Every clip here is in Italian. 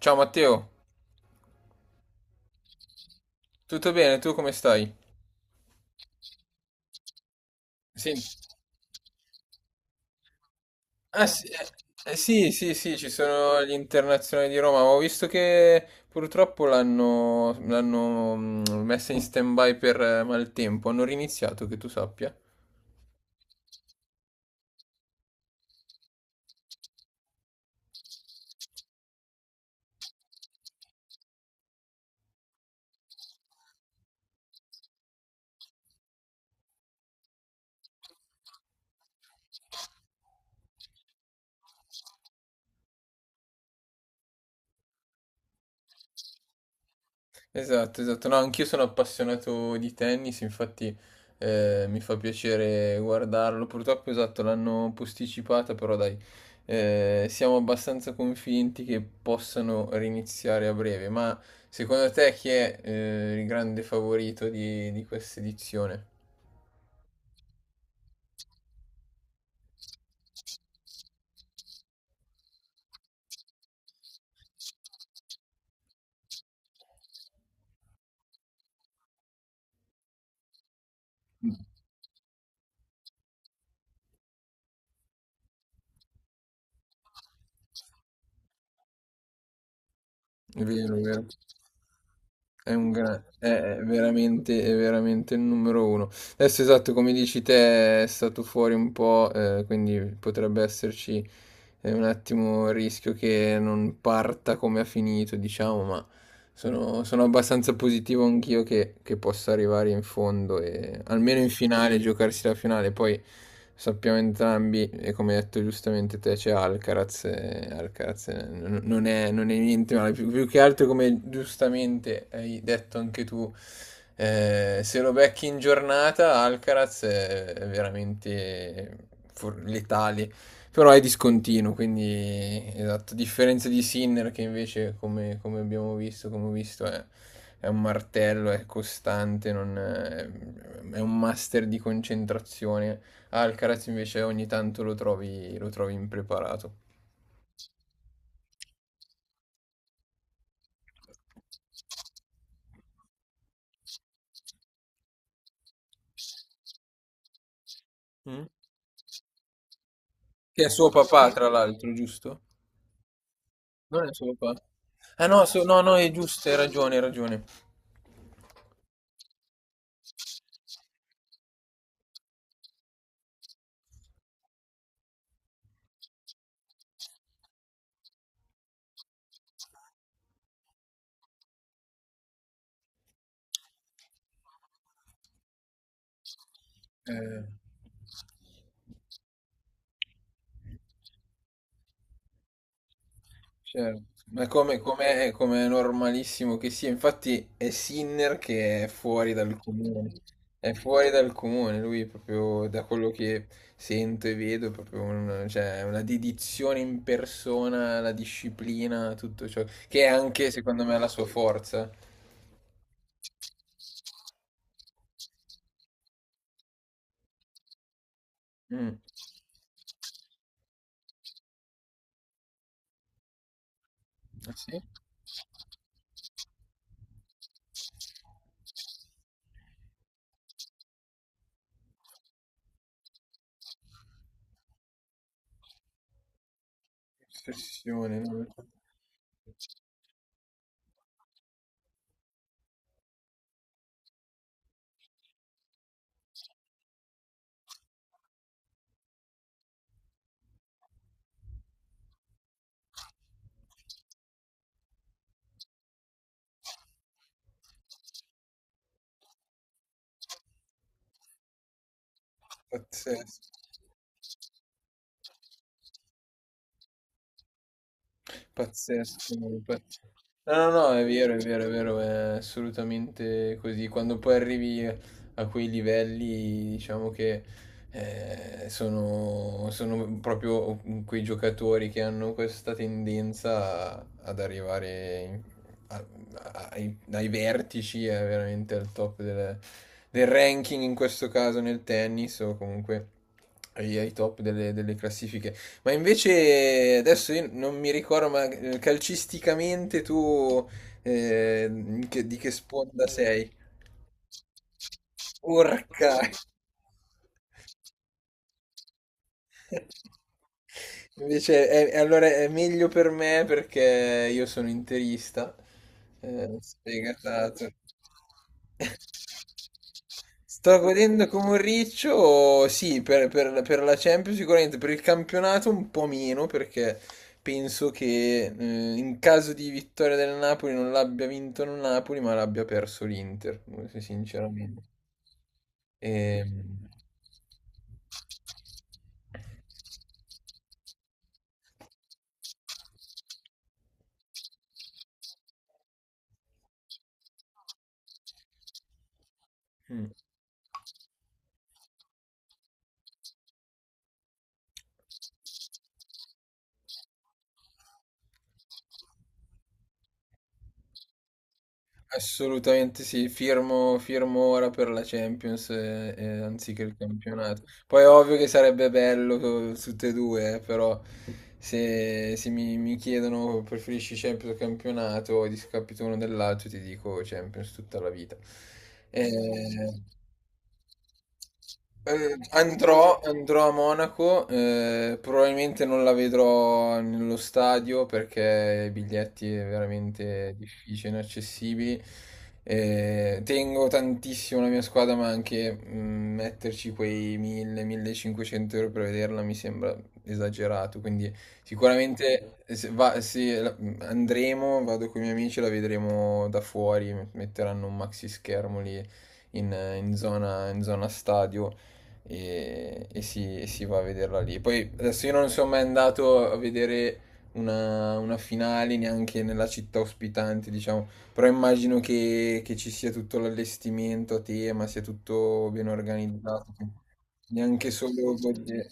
Ciao Matteo, tutto bene? Tu come stai? Sì. Ah, sì, sì, sì, sì, ci sono gli internazionali di Roma. Ho visto che purtroppo l'hanno messa in stand-by per maltempo. Hanno riniziato, che tu sappia. Esatto, esatto. No, anch'io sono appassionato di tennis, infatti mi fa piacere guardarlo. Purtroppo, esatto, l'hanno posticipata, però dai, siamo abbastanza convinti che possano riniziare a breve. Ma secondo te chi è, il grande favorito di questa edizione? È vero, è vero. È veramente, è veramente il numero uno. Adesso, esatto, come dici te, è stato fuori un po', quindi potrebbe esserci è un attimo il rischio che non parta come ha finito, diciamo, ma sono abbastanza positivo anch'io che possa arrivare in fondo e almeno in finale, giocarsi la finale. Poi sappiamo entrambi, e come hai detto giustamente te, c'è Alcaraz, e Alcaraz, non è niente male, più che altro, come giustamente hai detto anche tu. Se lo becchi in giornata, Alcaraz è veramente, letali, però è discontinuo, quindi esatto, a differenza di Sinner che invece, come abbiamo visto, come ho visto, è un martello, è costante, non è, è un master di concentrazione. Alcaraz invece ogni tanto lo trovi impreparato. Mm? Che è suo papà, tra l'altro, giusto? Non è suo papà. Ah no, no, no, è giusto, hai ragione, hai ragione. Eh, Certo, ma come è normalissimo che sia, infatti è Sinner che è fuori dal comune, è fuori dal comune, lui è proprio, da quello che sento e vedo, è proprio cioè, è una dedizione in persona, la disciplina, tutto ciò, che è anche secondo me la sua forza. Mm. Ah, sì? Ossessione, no? Pazzesco. Pazzesco, no, no, no, è vero, è vero, è vero, è assolutamente così. Quando poi arrivi a quei livelli, diciamo che sono proprio quei giocatori che hanno questa tendenza ad arrivare a- ai vertici, veramente al top del ranking, in questo caso nel tennis, o comunque ai top delle classifiche. Ma invece adesso io non mi ricordo, ma, calcisticamente tu, di che sponda sei? Porca! Invece, allora è meglio per me perché io sono interista, sfegatato. Sto godendo come un riccio, sì, per la Champions sicuramente, per il campionato un po' meno perché penso che, in caso di vittoria del Napoli, non l'abbia vinto il Napoli, ma l'abbia perso l'Inter, sinceramente. E... Assolutamente sì, firmo, firmo ora per la Champions, anziché il campionato. Poi è ovvio che sarebbe bello, tutte e due, però se, se mi, mi chiedono preferisci Champions o campionato o discapito uno dell'altro, ti dico Champions tutta la vita. Eh, andrò, andrò a Monaco, probabilmente non la vedrò nello stadio perché i biglietti è veramente difficile, inaccessibili. Tengo tantissimo la mia squadra, ma anche, mm, metterci quei 1000-1500 euro per vederla mi sembra esagerato. Quindi sicuramente se va- se la- andremo, vado con i miei amici, la vedremo da fuori, metteranno un maxi schermo lì in in zona stadio, e si va a vederla lì. Poi adesso io non sono mai andato a vedere una finale neanche nella città ospitante, diciamo, però immagino che ci sia tutto l'allestimento a tema, sia tutto ben organizzato, neanche solo... voglio-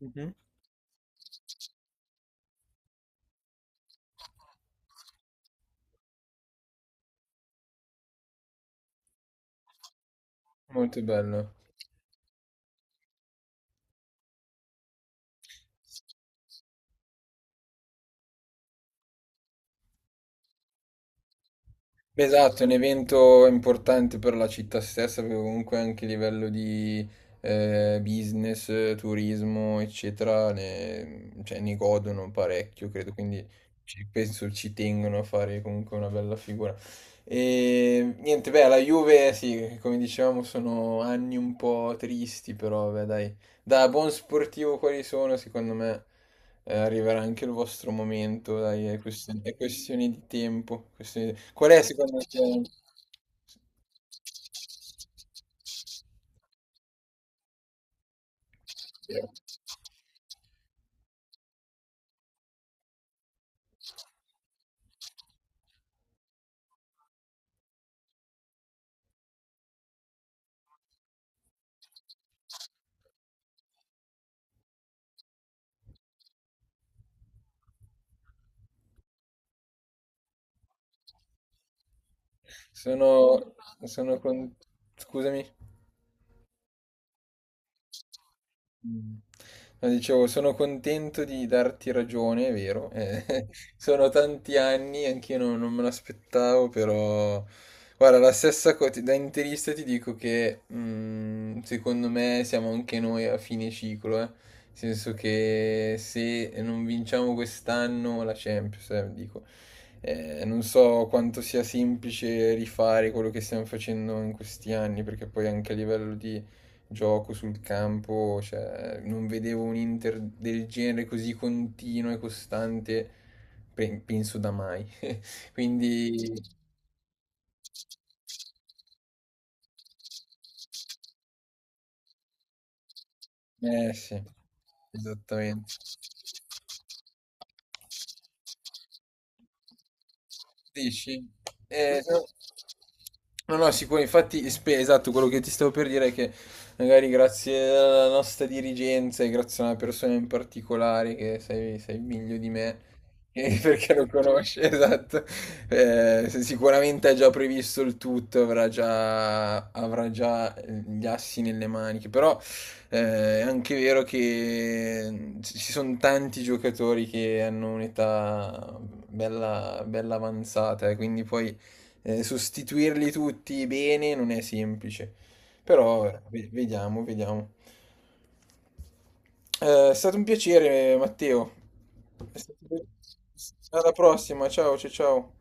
Mhm. Molto bello. Beh, esatto, è un evento importante per la città stessa, perché comunque anche a livello di, business, turismo, eccetera, ne, cioè, ne godono parecchio, credo, quindi penso ci tengono a fare comunque una bella figura. E niente, beh, la Juve, sì, come dicevamo, sono anni un po' tristi, però, beh, dai, da buon sportivo quali sono, secondo me, arriverà anche il vostro momento, dai, è questione di tempo. Qual è secondo te? Sono, sono con... Scusami. Mh. No, dicevo, sono contento di darti ragione, è vero, sono tanti anni, anch'io non me l'aspettavo, però guarda, la stessa co ti da interista ti dico che, mhmm, secondo me siamo anche noi a fine ciclo, eh. Nel senso che se non vinciamo quest'anno la Champions, dico, non so quanto sia semplice rifare quello che stiamo facendo in questi anni, perché poi anche a livello di gioco sul campo, cioè, non vedevo un Inter del genere così continuo e costante, penso da mai. Quindi, eh sì, esattamente. Dici? Eh, no, no, no, sicuro, infatti, esatto, quello che ti stavo per dire è che magari grazie alla nostra dirigenza e grazie a una persona in particolare che sai, sai meglio di me, perché lo conosce, esatto, se sicuramente ha già previsto il tutto, avrà già gli assi nelle maniche, però, è anche vero che ci sono tanti giocatori che hanno un'età bella avanzata, quindi poi, sostituirli tutti bene non è semplice. Però, vediamo, vediamo. È stato un piacere, Matteo. È stato- Alla prossima, ciao ciao ciao.